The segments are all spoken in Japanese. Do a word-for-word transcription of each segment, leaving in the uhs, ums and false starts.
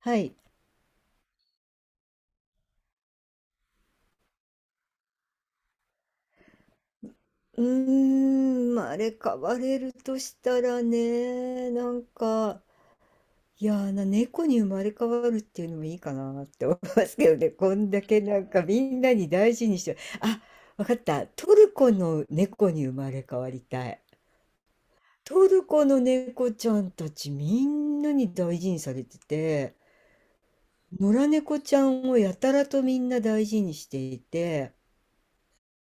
はい。うーん、まあ、あれ変われるとしたらね、なんか、いやーな、猫に生まれ変わるっていうのもいいかなって思いますけどね、こんだけなんかみんなに大事にして、あ、わかった、トルコの猫に生まれ変わりたい。トルコの猫ちゃんたちみんなに大事にされてて、野良猫ちゃんをやたらとみんな大事にしていて、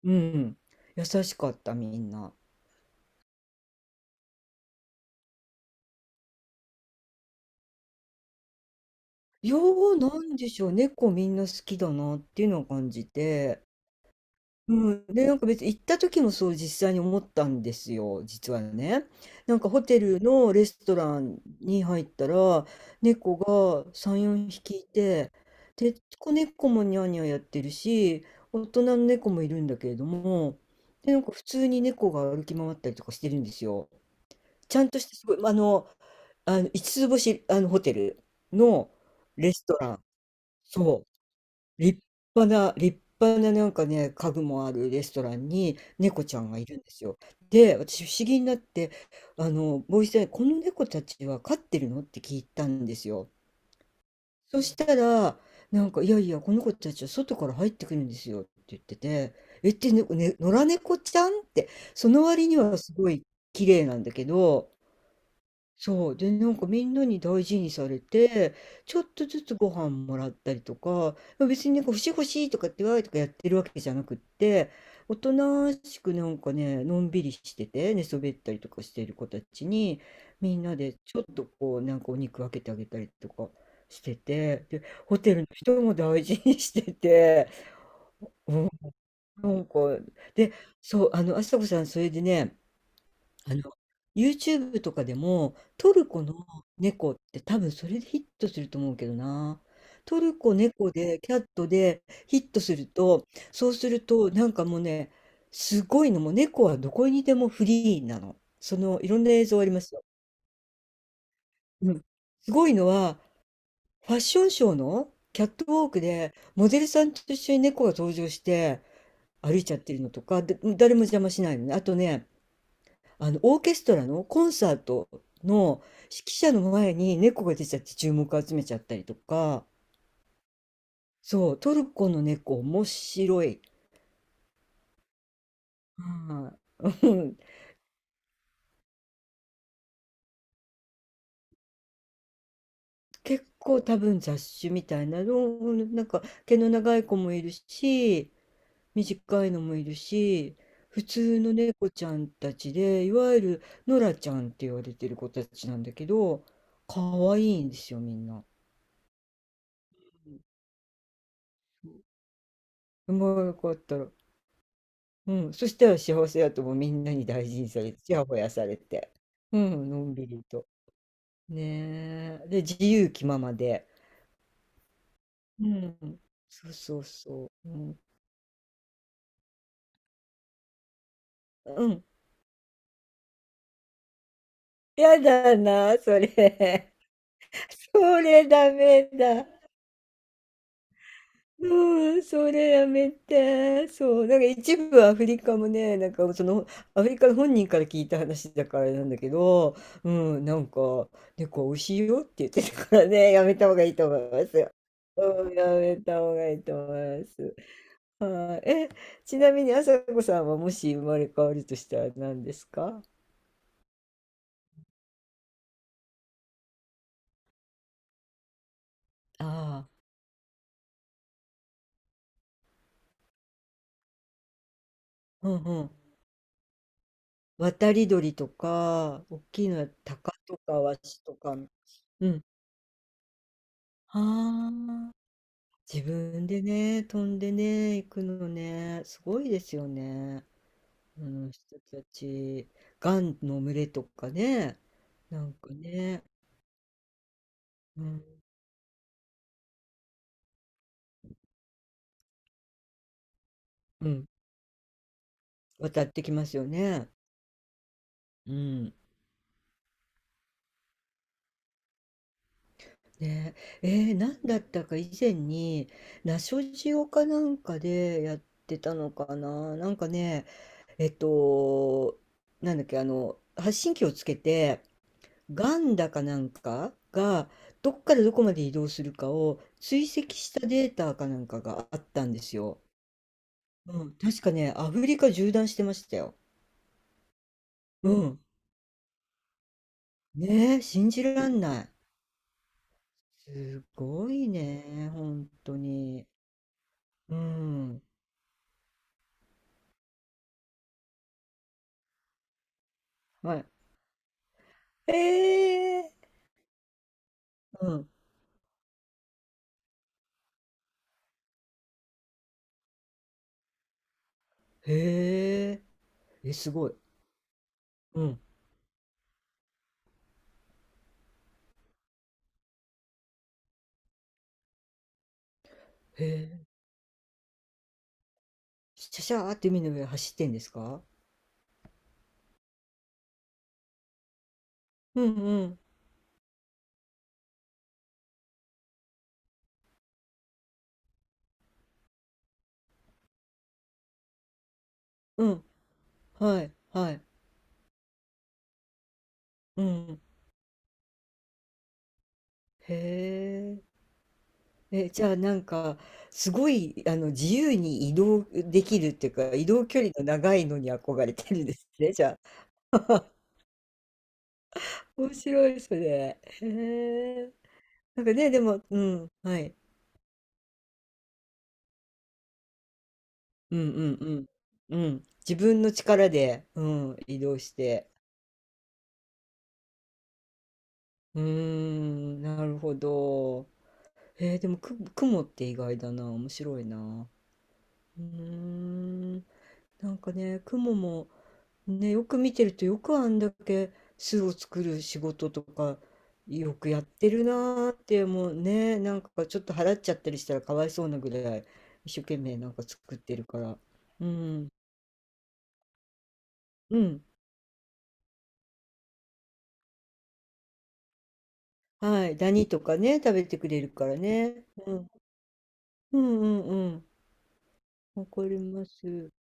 うん、優しかったみんな。よう、なんでしょう、猫みんな好きだなっていうのを感じて。うん、で、なんか別に行った時もそう実際に思ったんですよ、実はね。なんかホテルのレストランに入ったら、猫がさん、よんひきいて、で、子猫もニャーニャーやってるし、大人の猫もいるんだけれども、で、なんか普通に猫が歩き回ったりとかしてるんですよ。ちゃんとしてすごい、あの、あの、五つつ星、あの、ホテルのレストラン。そう、立派な、立派ななんかね、家具もあるレストランに猫ちゃんがいるんですよ。で、私不思議になって、あの、ボイスで、この猫たちは飼ってるのって聞いたんですよ。そしたら、なんか、いやいや、この子たちは外から入ってくるんですよって言ってて、えって、ね、ね野良猫ちゃんって、その割にはすごい綺麗なんだけど、そう。で、なんかみんなに大事にされて、ちょっとずつご飯もらったりとか、ま別になんか欲しい欲しいとかってわーとかやってるわけじゃなくって、おとなしくなんかね、のんびりしてて、寝そべったりとかしている子たちに、みんなでちょっとこう、なんかお肉分けてあげたりとかしてて、で、ホテルの人も大事にしてて、うん、なんか、で、そう、あの、あさこさん、それでね、あの、ユーチューブ とかでも、トルコの猫って多分それでヒットすると思うけどな。トルコ猫で、キャットでヒットすると、そうすると、なんかもうね、すごいの、もう猫はどこにでもフリーなの。その、いろんな映像ありますよ。うん。すごいのは、ファッションショーのキャットウォークで、モデルさんと一緒に猫が登場して歩いちゃってるのとか、で誰も邪魔しないのね。あとね、あの、オーケストラのコンサートの指揮者の前に猫が出ちゃって注目を集めちゃったりとか、そう、トルコの猫面白い。はい。うん、結構多分雑種みたいなの、うんなんか毛の長い子もいるし、短いのもいるし、普通の猫ちゃんたちで、いわゆるノラちゃんって言われてる子たちなんだけど、可愛いんですよ、みんな。生まれ変わったら。うん、そしたら幸せやともうみんなに大事にされて、ちやほやされて、うん、のんびりと。ねえ。で、自由気ままで。うん、そうそうそう。うん、うん、やだな、それ。それダメだ。うん、それやめて。そう。なんか一部アフリカもね、なんかそのアフリカの本人から聞いた話だからあれなんだけど、うん、なんか猫美味しいよって言ってたからね、やめた方がいいと思いますよ。うん、やめた方がいいと思います。はい。え、ちなみに朝子さんはもし生まれ変わるとしたら何ですか？ああ、うんうん。渡り鳥とか、大きいのは鷹とかワシとか。うん。ああ。自分でね、飛んでね、行くのね、すごいですよね。あの人たち、雁の群れとかね、なんかね、うん、うん、渡ってきますよね。うん。ね、えー、なんだったか以前に、ナショジオかなんかでやってたのかな。なんかね、えっと、なんだっけ、あの、発信機をつけて、ガンダかなんかがどっからどこまで移動するかを追跡したデータかなんかがあったんですよ。うん、確かね、アフリカ縦断してましたよ。うん。ねえ、信じらんない。すごいね、本当に。うん。はい。へえ。うん。へえ。え、すごい。うん。へえ。シャシャーって海の上走ってんですか？うんうん。うん。はい。はい。うん。へえ。え、じゃあなんか、すごい、あの、自由に移動できるっていうか、移動距離の長いのに憧れてるんですね、じゃあ。面白い、それ。へえ。なんかね、でも、うん、はい。うんうんうん。うん。自分の力で、うん、移動して。うーん、なるほど。えー、でも、く、雲って意外だな。面白いな。うーん。なんかね、雲も、ね、よく見てるとよくあんだけ巣を作る仕事とかよくやってるなーってもうねなんかちょっと払っちゃったりしたらかわいそうなぐらい一生懸命なんか作ってるからうんうんはいダニとかね食べてくれるからね、うん、うんうんうんわかります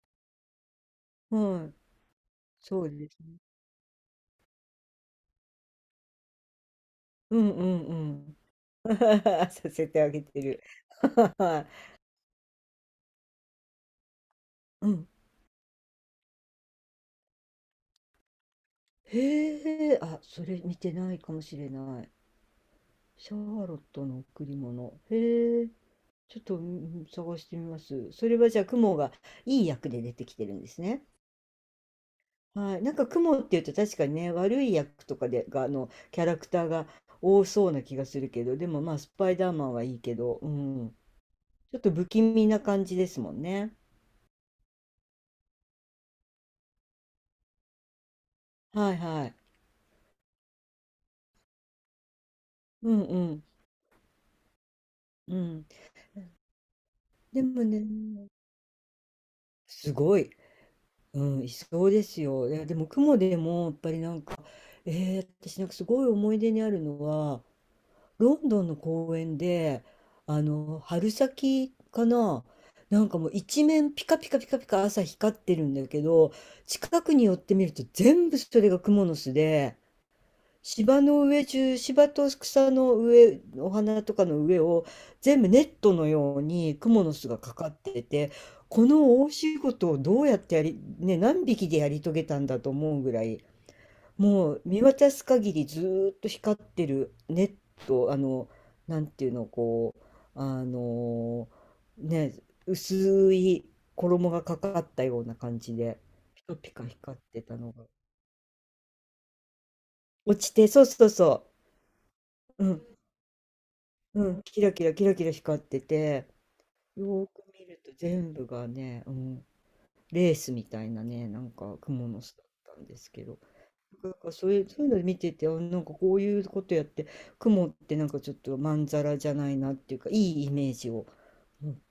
はいそうですねうんうんうん させてあげてる はいうんへえあそれ見てないかもしれないシャーロットの贈り物。へえ、ちょっとうん探してみます。それはじゃあ、雲がいい役で出てきてるんですね。はい。なんか雲っていうと確かにね、悪い役とかで、が、あの、キャラクターが多そうな気がするけど、でもまあ、スパイダーマンはいいけど、うん。ちょっと不気味な感じですもんね。はいはい。うんうん。うん。でもね、すごい。うん、いそうですよ。いや、でも雲でも、やっぱりなんか、えー、私なんかすごい思い出にあるのは、ロンドンの公園で、あの、春先かな、なんかもう一面ピカピカピカピカ朝光ってるんだけど、近くに寄ってみると全部それがクモの巣で、芝の上中、芝と草の上、お花とかの上を全部ネットのようにクモの巣がかかってて、この大仕事をどうやってやり、ね、何匹でやり遂げたんだと思うぐらいもう見渡す限りずーっと光ってるネット、あの、なんていうの、こう、あのね、薄い衣がかかったような感じで、ピカピカ光ってたのが。落ちて、そうそうそう、うん、うん、キラキラキラキラ光ってて、よーく見ると全部がね、うん、レースみたいなね、なんか雲の巣だったんですけど。なんかそういう、そういうの見てて、あなんかこういうことやって、雲ってなんかちょっとまんざらじゃないなっていうか、いいイメージを、うん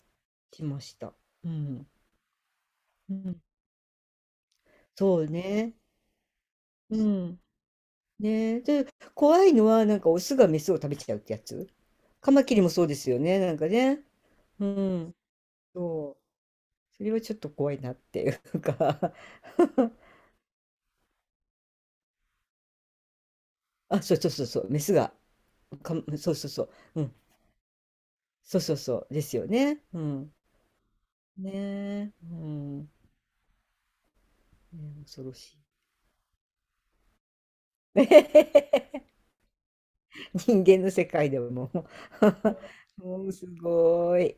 しました。うん。うん。そうね。うん。ねで、怖いのは、なんかオスがメスを食べちゃうってやつ。カマキリもそうですよね、なんかね。うん。そう。それはちょっと怖いなっていうか あ、そうそうそうそう、メスが、か、そうそうそう。うん。そうそうそう。ですよね。うん。ねえ。うん。ね、恐ろしい。人間の世界でも もうすごい。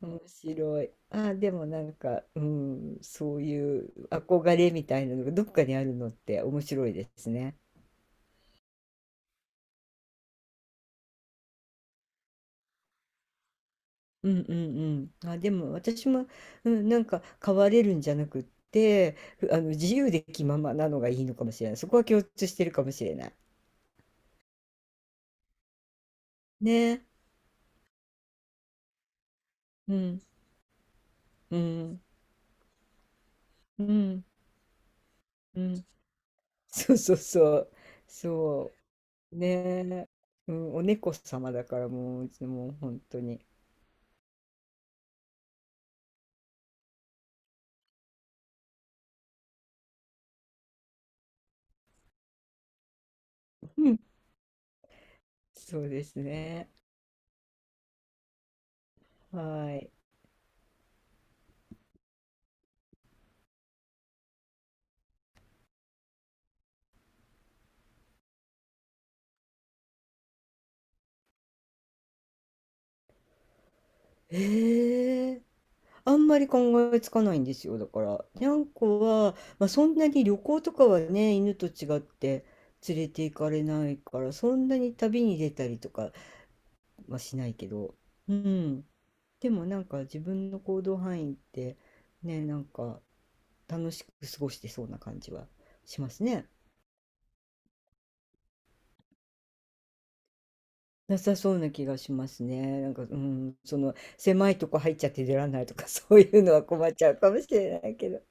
面白い。あ、でもなんか、うん、そういう憧れみたいなのがどっかにあるのって面白いですね。うんうんうん。あ、でも私も、うん、なんか変われるんじゃなくって、ふあの自由で気ままなのがいいのかもしれない。そこは共通してるかもしれない。ね。うんうんうんうん。そうそうそう。そう。ねえ、うん、お猫様だからもう、いつも本当に。うん。そうですね。はい。ええ、あんまり考えつかないんですよ。だから、にゃんこは、まあ、そんなに旅行とかはね、犬と違って連れて行かれないから、そんなに旅に出たりとかはしないけど、うん。でもなんか自分の行動範囲って、ね、なんか楽しく過ごしてそうな感じはしますね。なさそうな気がしますね。なんか、うん、その、狭いとこ入っちゃって出られないとか、そういうのは困っちゃうかもしれないけど。